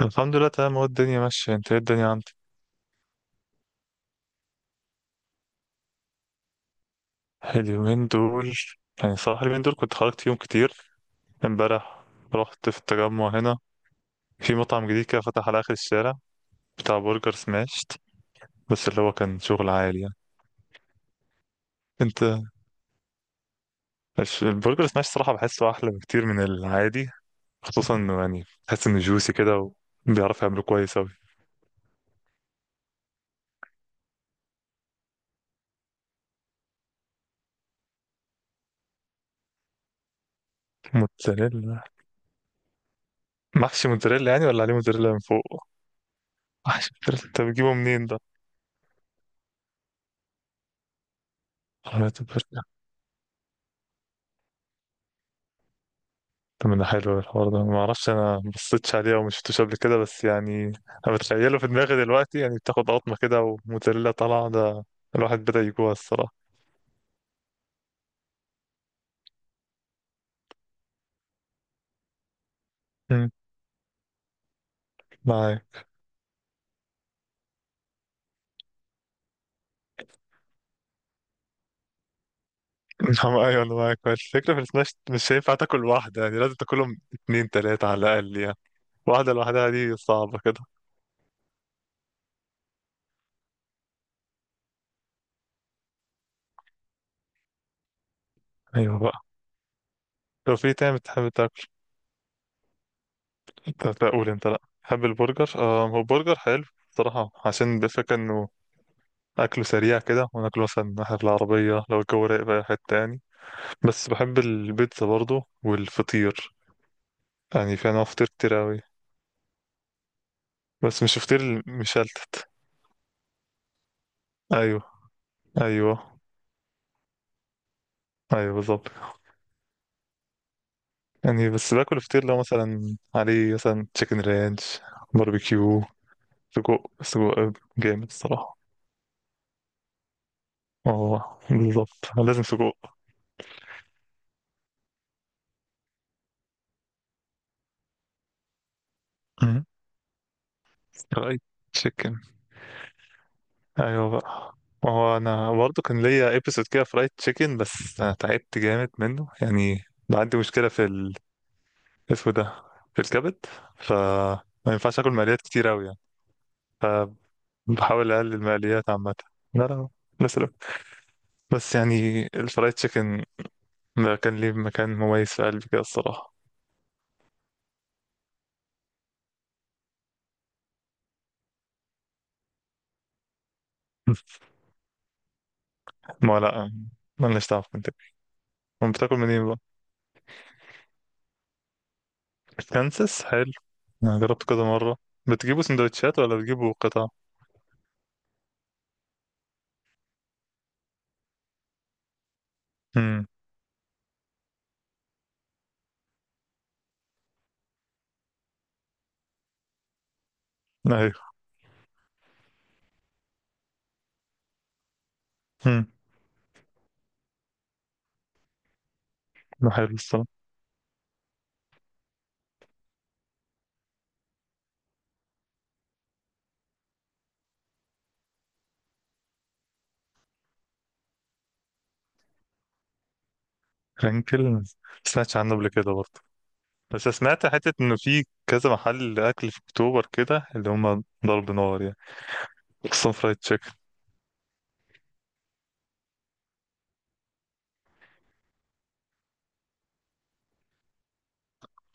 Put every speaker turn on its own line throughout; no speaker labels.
الحمد لله، تمام. هو الدنيا ماشية. انت، ايه الدنيا عندك؟ اليومين دول. يعني صراحة اليومين دول كنت خرجت فيهم كتير. امبارح رحت في التجمع هنا، في مطعم جديد كده فتح على آخر الشارع، بتاع برجر سماشت. بس اللي هو كان شغل عالي يعني. انت. البرجر سماشت صراحة بحسه أحلى بكتير من العادي. خصوصا انه يعني بحس انه جوسي كده، وبيعرف يعمله كويس أوي. موتزاريلا. محشي موتزاريلا يعني، ولا عليه موتزاريلا من فوق؟ محشي موتزاريلا انت بتجيبه منين؟ ده؟ طب ده حلو الحوار ده، ما اعرفش، انا ما بصيتش عليه او ما شفتوش قبل كده، بس يعني انا بتخيله في دماغي دلوقتي، يعني بتاخد قطمه كده وموتزاريلا طالعه ده. الواحد بدأ يجوع الصراحه. مم. معاك. نعم، ايوه، انا معاك. بس الفكره في السماش مش هينفع تاكل واحده، يعني لازم تاكلهم اتنين تلاته على الاقل يعني. واحده لوحدها دي صعبه كده. ايوه بقى. لو في تاني بتحب تاكل. طب اقول، انت لا تحب البرجر؟ آه، هو برجر حلو صراحه، عشان الفكره انه اكله سريع كده، وناكله مثلا ناحيه العربيه لو الجو رايق بقى، حته يعني. بس بحب البيتزا برضو والفطير. يعني في انواع فطير كتير اوي، بس مش فطير مشلتت. ايوه، ايوه، ايوه، بالظبط. يعني بس باكل فطير لو مثلا عليه مثلا تشيكن رانش، باربيكيو، سجق سجق. جامد الصراحة. اه، بالظبط، لازم سجق. مم. فرايد تشيكن. ايوه بقى. ما هو انا برضو كان ليا ايبيسود كده فرايد تشيكن، بس أنا تعبت جامد منه يعني. عندي مشكلة في اسمه ده، في الكبد، فما ينفعش اكل مقليات كتير قوي يعني. فبحاول اقلل المقليات عامه. لا، لا. بس لا. بس يعني الفرايد تشيكن ده كان ليه مكان مميز في قلبي كده الصراحه. ما لا. مالناش دعوه في منطقة. أمال بتاكل منين بقى؟ كانسas حلو. أنا جربت كذا مرة. بتجيبوا سندوتشات ولا بتجيبوا قطع؟ امم. أيوه. امم. ده حلو الصراحة. رانكل، ما سمعتش عنه قبل كده برضه. بس سمعت حتة إنه في كذا محل أكل في أكتوبر كده، اللي هما ضرب نار يعني، خصوصا فرايد تشيكن.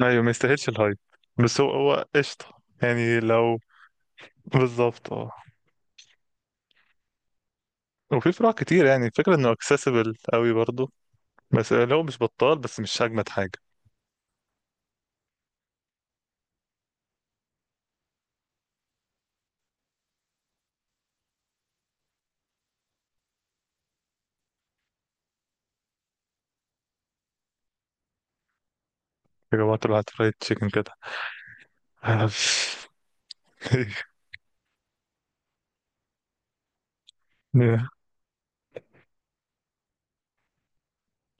أيوة، ما يستاهلش الهايب. بس هو قشطة. يعني لو، بالظبط، اه. وفي فروع كتير، يعني الفكرة إنه accessible قوي برضه. بس لو مش بطال، بس مش أجمد حاجة. يا جماعة طلعت هات فرايد تشيكن كده.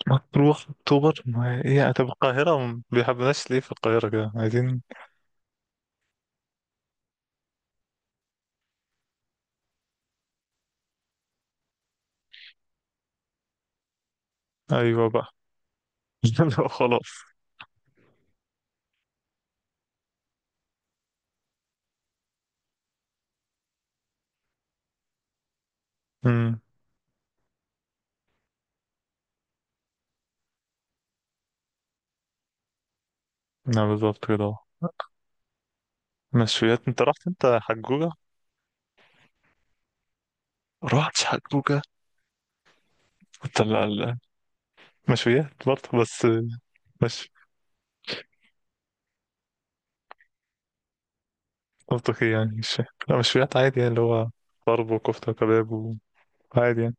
مطروح، أكتوبر، ما هي طب القاهرة ما بيحبناش ليه؟ في القاهرة كده عايزين. أيوة بقى. لا، خلاص. امم. نعم، بالظبط كده. مشويات، انت رحت، انت حجوجة؟ رحت حجوجة. انت مشويات برضه بس. مش منطقي يعني، مش. لا، مشويات عادي يعني، اللي هو طرب وكفتة وكباب، وعادي يعني.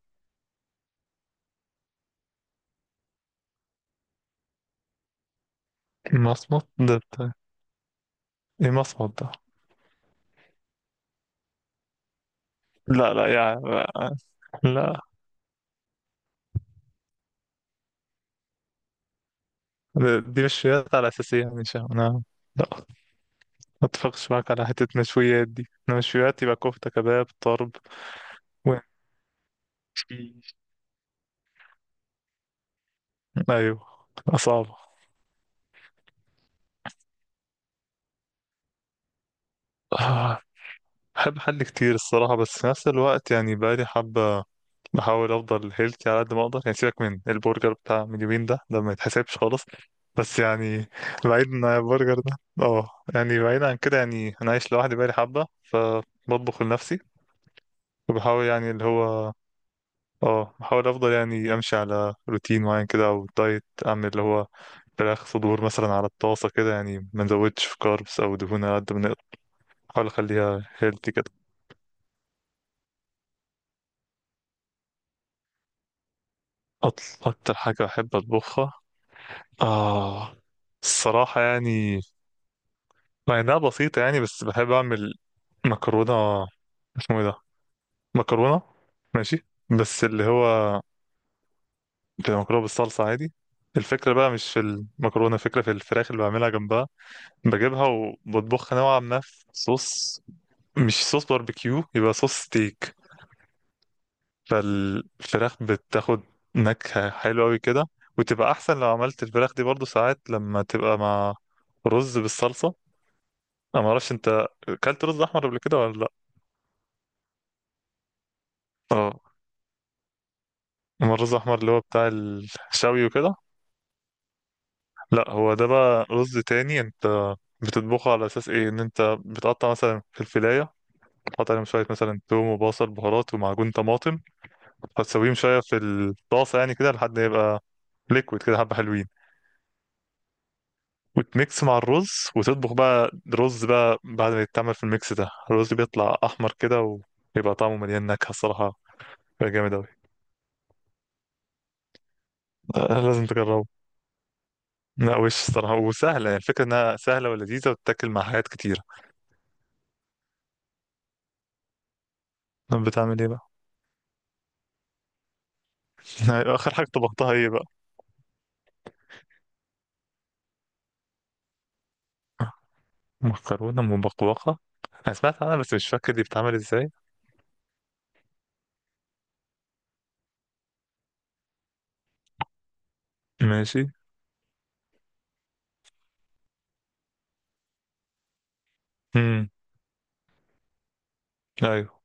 مصمت ده بتاع ايه؟ مصمت ده؟ لا، لا يعني، لا. دي مشويات على أساسية يعني، مش أنا. لا، ما اتفقش معاك على حتة مشويات دي. أنا مشويات يبقى كفتة كباب طرب و... أيوه. صعبة. بحب حل كتير الصراحة، بس في نفس الوقت يعني بقالي حبة بحاول أفضل هيلثي على قد ما أقدر، يعني سيبك من البرجر بتاع من يومين ده، ده ما يتحسبش خالص. بس يعني، بعيد عن البرجر ده، اه، يعني بعيد عن كده. يعني أنا عايش لوحدي بقالي حبة، فبطبخ لنفسي. وبحاول يعني اللي هو، اه، بحاول أفضل يعني أمشي على روتين معين كده، أو دايت أعمل اللي هو فراخ صدور مثلا على الطاسة كده، يعني ما نزودش في كاربس أو دهون على قد ما نقدر. بحاول أخليها هيلثي. أكتر حاجة بحب أطبخها، آه الصراحة يعني، مع إنها بسيطة يعني، بس بحب أعمل مكرونة. اسمه إيه ده؟ مكرونة، ماشي. بس اللي هو بتبقى مكرونة بالصلصة عادي. الفكرة بقى مش في المكرونة، الفكرة في الفراخ اللي بعملها جنبها. بجيبها، وبطبخها نوعا ما في صوص، مش صوص باربيكيو يبقى صوص ستيك. فالفراخ بتاخد نكهة حلوة أوي كده، وتبقى أحسن لو عملت الفراخ دي برضو ساعات لما تبقى مع رز بالصلصة. أنا معرفش أنت أكلت رز أحمر قبل كده ولا لأ؟ اه. أما الرز الأحمر اللي هو بتاع الشوي وكده، لأ، هو ده بقى رز تاني. أنت بتطبخه على أساس إيه؟ إن أنت بتقطع مثلا فلفلاية، تحط عليهم شوية مثلا توم وبصل بهارات ومعجون طماطم، هتسويهم شوية في الطاسة يعني كده لحد ما يبقى ليكويد كده حبة حلوين، وتميكس مع الرز. وتطبخ بقى رز بقى، بعد ما يتعمل في الميكس ده الرز بيطلع احمر كده، ويبقى طعمه مليان نكهه الصراحه. بيبقى جامد اوي. آه، لازم تجربه. لا وش الصراحه وسهله، يعني الفكره انها سهله ولذيذه وتتاكل مع حاجات كتيره. طب بتعمل ايه بقى؟ اخر حاجه طبختها ايه بقى؟ مكرونه مبقبقه؟ انا سمعت عنها بس مش فاكر دي بتتعمل ازاي. ماشي. امم. ايوه.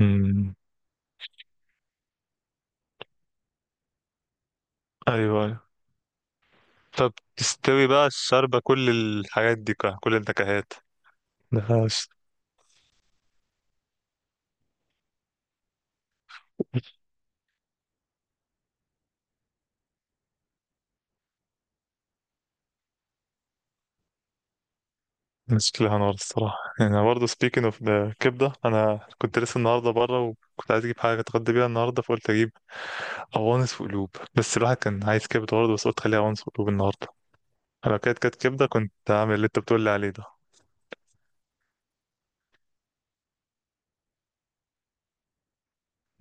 امم. ايوه، ايوه. طب تستوي بقى الشاربه كل الحاجات دي كلها، كل النكهات. ده شكلها نار الصراحة. يعني برضه speaking of the كبدة، أنا كنت لسه النهاردة بره، وكنت عايز أجيب حاجة أتغدى بيها النهاردة، فقلت أجيب أوانس وقلوب. بس الواحد كان عايز كبدة برضه، بس قلت خليها أوانس وقلوب النهاردة. لو كانت كبدة كنت هعمل اللي أنت بتقول لي عليه ده.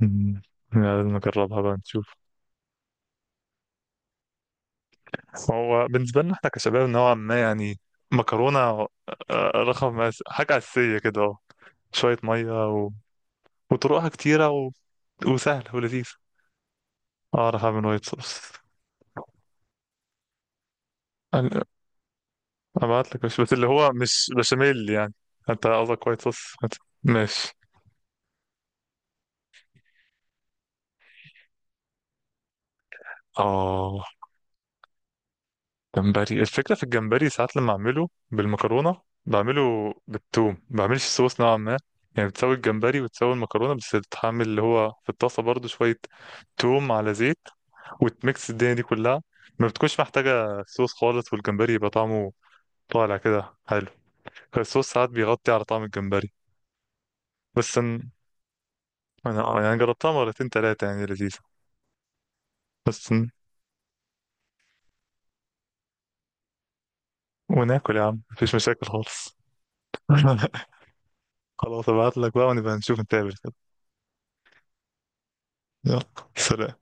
أمم. لازم نجربها بقى نشوف. هو بالنسبة لنا احنا كشباب نوعا ما يعني، مكرونة رقم حاجة أساسية كده أهو. شوية مية و... وطرقها كتيرة و... وسهلة ولذيذة. أعرف أعمل وايت صوص. ابعت لك، مش بس اللي هو مش بشاميل يعني. انت قصدك وايت صوص، ماشي. اه. جمبري. الفكره في الجمبري ساعات لما اعمله بالمكرونه بعمله بالثوم، ما بعملش صوص نوعا ما. يعني بتسوي الجمبري وتسوي المكرونه، بس تحمل اللي هو في الطاسه برضو شويه توم على زيت، وتميكس الدنيا دي كلها. ما بتكونش محتاجه صوص خالص، والجمبري يبقى طعمه طالع كده حلو. الصوص ساعات بيغطي على طعم الجمبري. بس انا يعني جربتها مرتين تلاتة، يعني لذيذه. بس وناكل يا عم، مفيش مشاكل خالص. خلاص ابعت لك بقى ونبقى نشوف نتقابل كده. يلا، سلام.